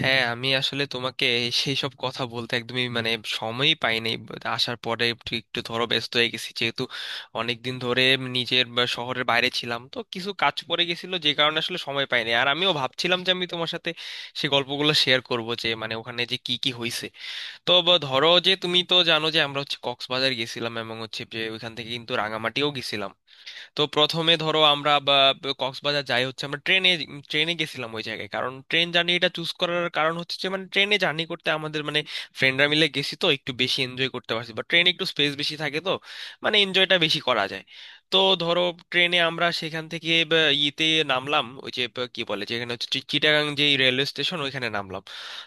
হ্যাঁ, আমি আসলে তোমাকে সেই সব কথা বলতে একদমই মানে সময়ই পাইনি। আসার পরে একটু একটু ধরো ব্যস্ত হয়ে গেছি, যেহেতু অনেক দিন ধরে নিজের বা শহরের বাইরে ছিলাম, তো কিছু কাজ পড়ে গেছিল যে কারণে আসলে সময় পাইনি। আর আমিও ভাবছিলাম যে আমি তোমার সাথে সেই গল্পগুলো শেয়ার করব, যে মানে ওখানে যে কি কি হয়েছে। তো বা ধরো, যে তুমি তো জানো যে আমরা হচ্ছে কক্সবাজার গেছিলাম, এবং হচ্ছে যে ওইখান থেকে কিন্তু রাঙামাটিও গেছিলাম। তো প্রথমে ধরো আমরা বা বা কক্সবাজার যাই হচ্ছে আমরা ট্রেনে ট্রেনে গেছিলাম ওই জায়গায়। কারণ ট্রেন জার্নিটা চুজ করার কারণ হচ্ছে যে মানে ট্রেনে জার্নি করতে আমাদের মানে ফ্রেন্ডরা মিলে গেছি তো একটু বেশি এনজয় করতে পারছি, বা ট্রেনে একটু স্পেস বেশি থাকে, তো মানে এনজয়টা বেশি করা যায়। তো ধরো, ট্রেনে আমরা সেখান থেকে বা ইতে নামলাম। ওই যে বা কি বলে যেখানে হচ্ছে চিটাগাং যে রেলওয়ে স্টেশন, ওইখানে নামলাম।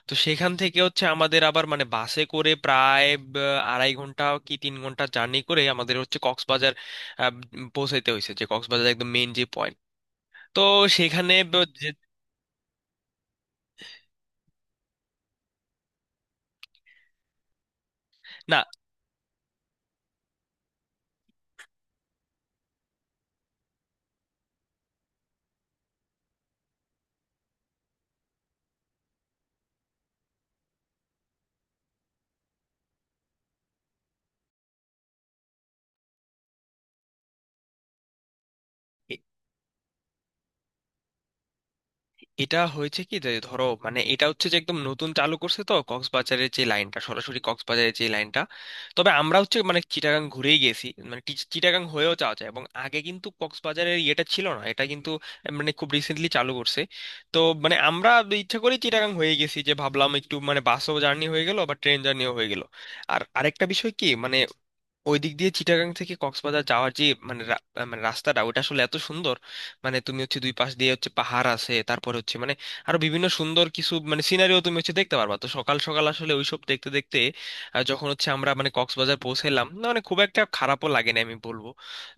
তো সেখান থেকে হচ্ছে আমাদের আবার মানে বাসে করে প্রায় বা 2.5 ঘন্টা কি 3 ঘন্টা জার্নি করে আমাদের হচ্ছে আহ, পৌঁছাইতে হয়েছে, যে কক্সবাজার একদম মেইন যে পয়েন্ট। তো সেখানে না এ- এটা হয়েছে কি, যে ধরো মানে এটা হচ্ছে যে একদম নতুন চালু করছে তো, কক্সবাজারের যে লাইনটা, সরাসরি কক্সবাজারের যে লাইনটা। তবে আমরা হচ্ছে মানে চিটাগাং ঘুরেই গেছি, মানে চিটাগাং হয়েও যাওয়া যায়। এবং আগে কিন্তু কক্সবাজারের ইয়েটা ছিল না এটা, কিন্তু মানে খুব রিসেন্টলি চালু করছে। তো মানে আমরা ইচ্ছা করে চিটাগাং হয়ে গেছি, যে ভাবলাম একটু মানে বাসও জার্নি হয়ে গেল বা ট্রেন জার্নিও হয়ে গেল। আর আরেকটা বিষয় কি মানে ওই দিক দিয়ে চিটাগাং থেকে কক্সবাজার যাওয়ার যে মানে রা- আহ মানে রাস্তাটা, ওটা আসলে এত সুন্দর। মানে তুমি হচ্ছে দুই পাশ দিয়ে হচ্ছে পাহাড় আছে, তারপরে হচ্ছে মানে আরো বিভিন্ন সুন্দর কিছু মানে সিনারিও তুমি হচ্ছে দেখতে পারবা। তো সকাল সকাল আসলে ওইসব দেখতে দেখতে যখন হচ্ছে আমরা মানে কক্সবাজার পৌঁছালাম, না মানে খুব একটা খারাপও লাগে না আমি বলবো।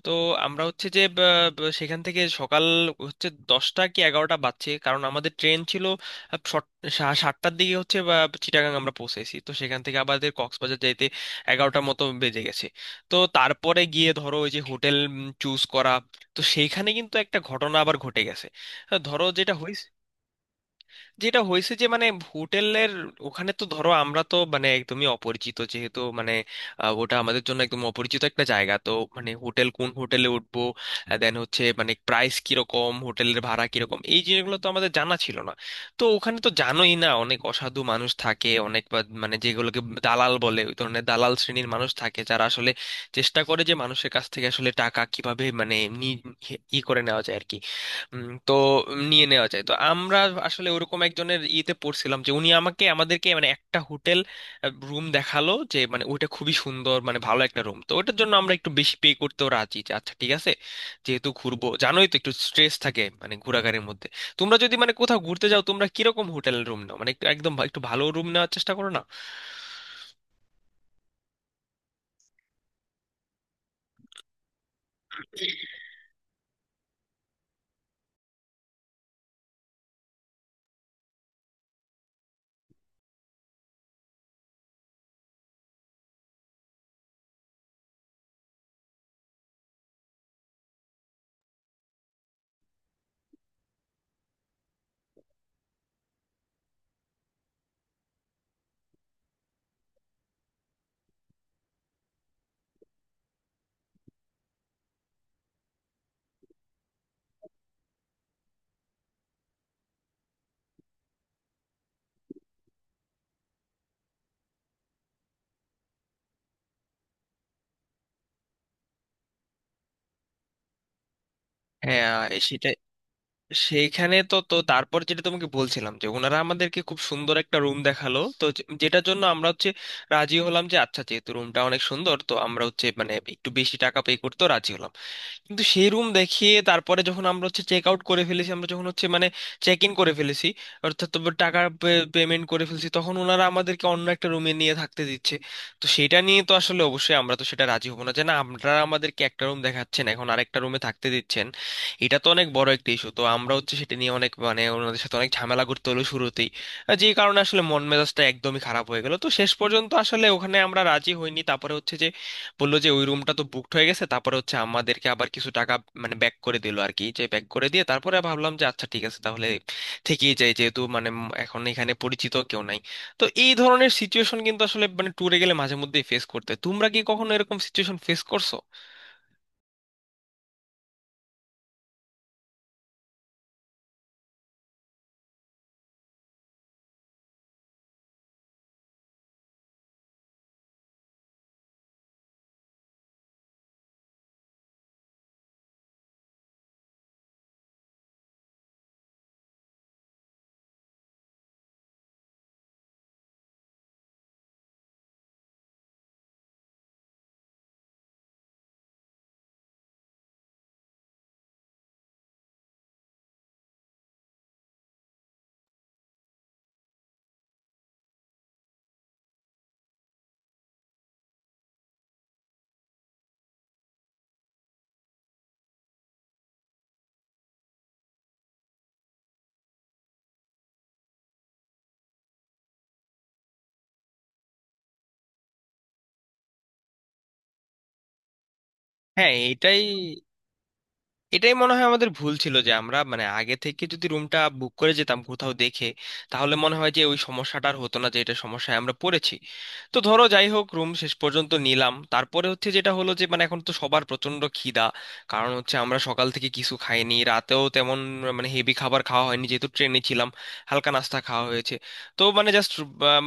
তো আমরা হচ্ছে যে সেখান থেকে সকাল হচ্ছে 10টা কি 11টা বাজছে, কারণ আমাদের ট্রেন ছিল আহ, সট- 7টার দিকে হচ্ছে চিটাগাং আমরা পৌঁছেছি, তো সেখান থেকে আমাদের কক্সবাজার যাইতে 11টার মতো বেজে গেছে। তো তারপরে গিয়ে ধরো ওই যে হোটেল চুজ করা, তো সেইখানে কিন্তু একটা ঘটনা আবার ঘটে গেছে। ধরো যেটা হয়েছে যে মানে হোটেলের ওখানে তো ধরো আমরা তো মানে একদমই অপরিচিত যেহেতু, মানে ওটা আমাদের জন্য একদম অপরিচিত একটা জায়গা। তো মানে হোটেল, কোন হোটেলে উঠবো, দেন হচ্ছে মানে প্রাইস কিরকম, হোটেলের ভাড়া কিরকম, এই জিনিসগুলো তো আমাদের জানা ছিল না। তো ওখানে তো জানোই না, অনেক অসাধু মানুষ থাকে, অনেক মানে যেগুলোকে দালাল বলে, ওই ধরনের দালাল শ্রেণীর মানুষ থাকে যারা আসলে চেষ্টা করে যে মানুষের কাছ থেকে আসলে টাকা কিভাবে মানে নি- ই করে নেওয়া যায় আর কি। তো নিয়ে নেওয়া যায়। তো আমরা আসলে ওরকম একজনের ইয়েতে পড়ছিলাম, যে উনি আমাকে আমাদেরকে মানে একটা হোটেল রুম দেখালো যে মানে ওইটা খুবই সুন্দর, মানে ভালো একটা রুম। তো ওটার জন্য আমরা একটু বেশি পে করতেও রাজি, যে আচ্ছা ঠিক আছে, যেহেতু ঘুরবো জানোই তো একটু স্ট্রেস থাকে মানে ঘোরাঘুরির মধ্যে। তোমরা যদি মানে কোথাও ঘুরতে যাও, তোমরা কিরকম হোটেল রুম নাও, মানে একটু ভালো রুম নেওয়ার চেষ্টা করো না? হ্যাঁ, সেটাই। সেইখানে তো তো তারপর যেটা তোমাকে বলছিলাম, যে ওনারা আমাদেরকে খুব সুন্দর একটা রুম দেখালো, তো যেটার জন্য আমরা হচ্ছে রাজি হলাম, যে আচ্ছা যেহেতু রুমটা অনেক সুন্দর, তো আমরা হচ্ছে মানে একটু বেশি টাকা পে করতেও রাজি হলাম। কিন্তু সেই রুম দেখিয়ে তারপরে যখন আমরা হচ্ছে চেক আউট করে ফেলেছি, আমরা যখন হচ্ছে মানে চেক ইন করে ফেলেছি, অর্থাৎ তো টাকা পেমেন্ট করে ফেলেছি, তখন ওনারা আমাদেরকে অন্য একটা রুমে নিয়ে থাকতে দিচ্ছে। তো সেটা নিয়ে তো আসলে অবশ্যই আমরা তো সেটা রাজি হবো না, যে না, আপনারা আমাদেরকে একটা রুম দেখাচ্ছেন এখন আরেকটা রুমে থাকতে দিচ্ছেন, এটা তো অনেক বড় একটা ইস্যু। তো আমরা হচ্ছে সেটা নিয়ে অনেক মানে ওনাদের সাথে অনেক ঝামেলা করতে হলো শুরুতেই। আর যে কারণে আসলে মন মেজাজটা একদমই খারাপ হয়ে গেল। তো শেষ পর্যন্ত আসলে ওখানে আমরা রাজি হইনি, তারপরে হচ্ছে যে বললো যে ওই রুমটা তো বুকড হয়ে গেছে, তারপরে হচ্ছে আমাদেরকে আবার কিছু টাকা মানে ব্যাক করে দিল আর কি। যে ব্যাক করে দিয়ে তারপরে ভাবলাম, যে আচ্ছা ঠিক আছে, তাহলে থেকেই যাই, যেহেতু মানে এখন এখানে পরিচিত কেউ নাই। তো এই ধরনের সিচুয়েশন কিন্তু আসলে মানে ট্যুরে গেলে মাঝে মধ্যেই ফেস করতে, তোমরা কি কখনো এরকম সিচুয়েশন ফেস করছো? হ্যাঁ, এটাই এটাই মনে হয় আমাদের ভুল ছিল, যে আমরা মানে আগে থেকে যদি রুমটা বুক করে যেতাম কোথাও দেখে, তাহলে মনে হয় যে ওই সমস্যাটা আর হতো না, যে এটা সমস্যায় আমরা পড়েছি। তো ধরো যাই হোক, রুম শেষ পর্যন্ত নিলাম। তারপরে হচ্ছে যেটা হলো, যে মানে এখন তো সবার প্রচন্ড খিদা, কারণ হচ্ছে আমরা সকাল থেকে কিছু খাইনি, রাতেও তেমন মানে হেভি খাবার খাওয়া হয়নি যেহেতু ট্রেনে ছিলাম, হালকা নাস্তা খাওয়া হয়েছে। তো মানে জাস্ট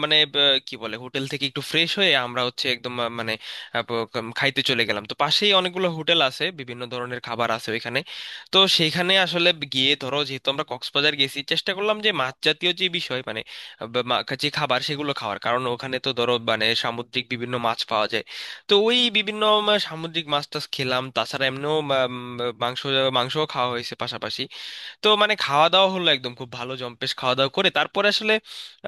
মানে কি বলে হোটেল থেকে একটু ফ্রেশ হয়ে আমরা হচ্ছে একদম মানে খাইতে চলে গেলাম। তো পাশেই অনেকগুলো হোটেল আছে, বিভিন্ন ধরনের খাবার আছে ওইখানে। তো সেইখানে আসলে গিয়ে ধরো যেহেতু আমরা কক্সবাজার গেছি, চেষ্টা করলাম যে মাছ জাতীয় যে বিষয়, মানে যে খাবার, সেগুলো খাওয়ার। কারণ ওখানে তো ধরো মানে সামুদ্রিক বিভিন্ন মাছ পাওয়া যায়। তো ওই বিভিন্ন সামুদ্রিক মাছ টাছ খেলাম, তাছাড়া এমনিও মাংস মাংসও খাওয়া হয়েছে পাশাপাশি। তো মানে খাওয়া দাওয়া হলো একদম, খুব ভালো জম্পেশ খাওয়া দাওয়া করে তারপরে আসলে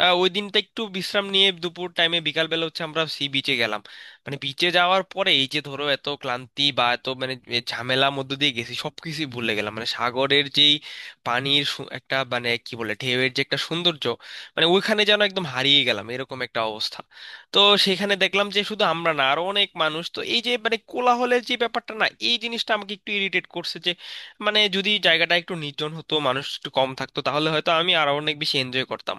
ওই দিনটা একটু বিশ্রাম নিয়ে দুপুর টাইমে, বিকাল বেলা হচ্ছে আমরা সি বিচে গেলাম। মানে বিচে যাওয়ার পরে এই যে ধরো এত ক্লান্তি বা এত মানে এ ঝামেলার মধ্যে দিয়ে গেছি, সবকিছু ভুলে গেলাম। মানে সাগরের যেই পানির একটা মানে কি বলে ঢেউয়ের যে একটা সৌন্দর্য, মানে ওইখানে যেন একদম হারিয়ে গেলাম, এরকম একটা অবস্থা। তো সেখানে দেখলাম যে শুধু আমরা না, আরো অনেক মানুষ। তো এই যে মানে কোলাহলের যে ব্যাপারটা না, এই জিনিসটা আমাকে একটু ইরিটেট করছে। যে মানে যদি জায়গাটা একটু নির্জন হতো, মানুষ একটু কম থাকতো, তাহলে হয়তো আমি আরো অনেক বেশি এনজয় করতাম।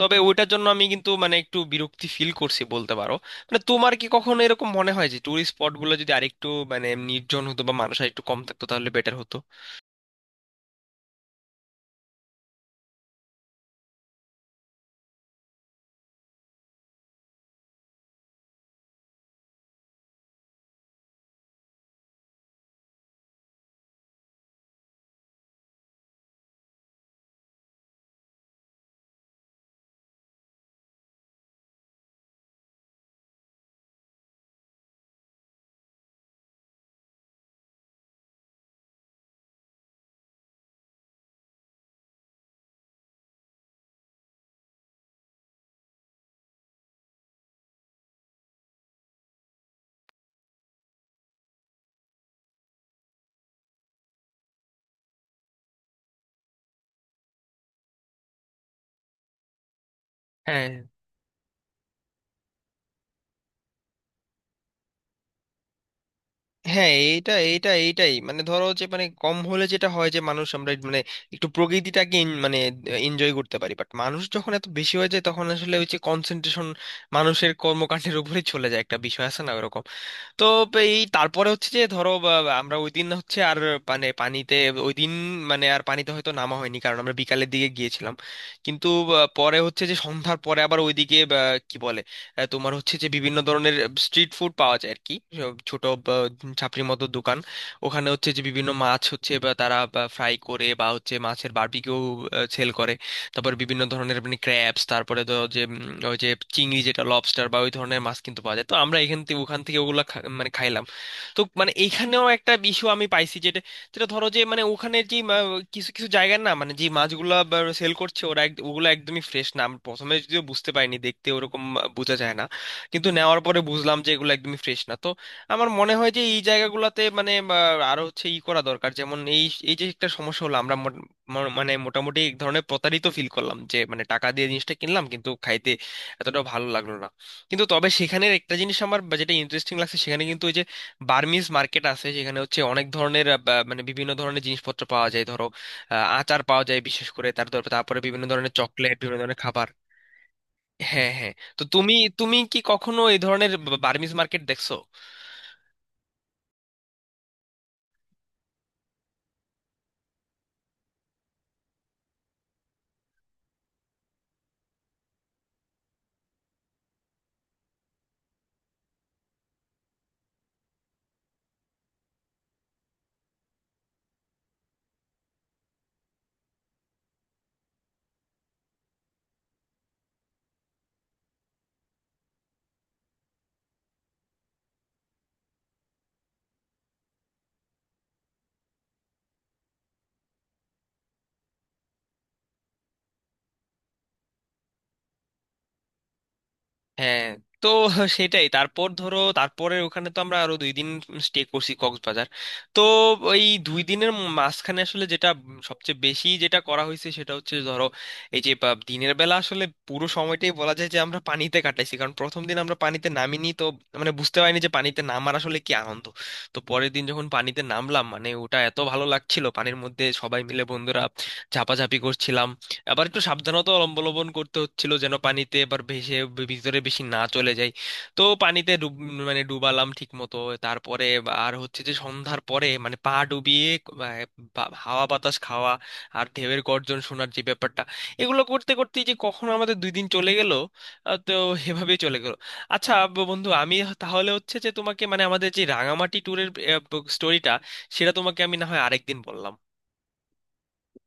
তবে ওইটার জন্য আমি কিন্তু মানে একটু বিরক্তি ফিল করছি বলতে পারো। মানে তোমার কি কখনো এরকম মনে হয় যে টুরিস্ট স্পট গুলো যদি আরেকটু মানে নির্জন হতো বা মানুষ আর একটু কম থাকতো, তাহলে বেটার হতো? হ্যাঁ, হ্যাঁ, এইটা এইটা এইটাই মানে। ধরো যে মানে কম হলে যেটা হয়, যে মানুষ আমরা মানে একটু প্রকৃতিটাকে মানে এনজয় করতে পারি। বাট মানুষ যখন এত বেশি হয়ে যায়, তখন আসলে ওই যে কনসেন্ট্রেশন মানুষের কর্মকাণ্ডের উপরে চলে যায়, একটা বিষয় আছে না ওরকম। তো এই তারপরে হচ্ছে যে ধরো বা- বা আমরা ওই দিন হচ্ছে আর মানে পানিতে, ওই দিন মানে আর পানিতে হয়তো নামা হয়নি, কারণ আমরা বিকালের দিকে গিয়েছিলাম। কিন্তু পরে হচ্ছে যে সন্ধ্যার পরে আবার ওইদিকে কি বলে তোমার হচ্ছে যে বিভিন্ন ধরনের স্ট্রিট ফুড পাওয়া যায় আর কি, সব ছোট ছাপড়ির মতো দোকান। ওখানে হচ্ছে যে বিভিন্ন মাছ হচ্ছে, বা তারা ফ্রাই করে, বা হচ্ছে মাছের বারবিকিউ সেল করে। তারপর বিভিন্ন ধরনের আপনি ক্র্যাবস, তারপরে তো যে ওই যে চিংড়ি যেটা লবস্টার, বা ওই ধরনের মাছ কিন্তু পাওয়া যায়। তো আমরা এখান থেকে ওখান থেকে ওগুলো মানে খাইলাম। তো মানে এইখানেও একটা ইস্যু আমি পাইছি, যেটা যেটা ধরো যে মানে ওখানে যে কিছু কিছু জায়গার না, মানে যে মাছগুলা সেল করছে ওরা, ওগুলো একদমই ফ্রেশ না। আমি প্রথমে যদিও বুঝতে পারিনি, দেখতে ওরকম বোঝা যায় না, কিন্তু নেওয়ার পরে বুঝলাম যে এগুলো একদমই ফ্রেশ না। তো আমার মনে হয় যে এই জায়গাগুলোতে মানে আরো হচ্ছে ই করা দরকার। যেমন এই, এই যে একটা সমস্যা হলো, আমরা মানে মোটামুটি এক ধরনের প্রতারিত ফিল করলাম, যে মানে টাকা দিয়ে জিনিসটা কিনলাম কিন্তু খাইতে এতটা ভালো লাগলো না। কিন্তু তবে সেখানের একটা জিনিস আমার যেটা ইন্টারেস্টিং লাগছে, সেখানে কিন্তু বার্মিজ মার্কেট আছে, যেখানে হচ্ছে অনেক ধরনের মানে বিভিন্ন ধরনের জিনিসপত্র পাওয়া যায়। ধরো আচার পাওয়া যায় বিশেষ করে, তারপরে বিভিন্ন ধরনের চকলেট, বিভিন্ন ধরনের খাবার। হ্যাঁ, হ্যাঁ। তো তুমি তুমি কি কখনো এই ধরনের বার্মিজ মার্কেট দেখছো? হ্যাঁ। তো সেটাই। তারপর ধরো তারপরে ওখানে তো আমরা আরো 2 দিন স্টে করছি কক্সবাজার। তো ওই দুই দিনের মাঝখানে আসলে যেটা সবচেয়ে বেশি যেটা করা হয়েছে সেটা হচ্ছে ধরো এই যে দিনের বেলা আসলে পুরো সময়টাই বলা যায় যে আমরা পানিতে কাটাইছি। কারণ প্রথম দিন আমরা পানিতে নামিনি তো মানে বুঝতে পারিনি যে পানিতে নামার আসলে কি আনন্দ। তো পরের দিন যখন পানিতে নামলাম, মানে ওটা এত ভালো লাগছিল, পানির মধ্যে সবাই মিলে বন্ধুরা ঝাপাঝাপি করছিলাম। আবার একটু সাবধানতা অবলম্বন করতে হচ্ছিল যেন পানিতে এবার ভেসে ভিতরে বেশি না চলে যায়। তো পানিতে ডুব মানে ডুবালাম ঠিক মতো। তারপরে আর হচ্ছে যে সন্ধ্যার পরে মানে পা ডুবিয়ে আহ, হাওয়া বাতাস খাওয়া, আর ঢেউয়ের গর্জন শোনার যে ব্যাপারটা, এগুলো করতে করতেই যে কখন আমাদের 2 দিন চলে গেল। তো এভাবেই চলে গেল। আচ্ছা বন্ধু, আমি তাহলে হচ্ছে যে তোমাকে মানে আমাদের যে রাঙামাটি ট্যুরের স্টোরিটা, সেটা তোমাকে আমি না হয় আরেকদিন বললাম।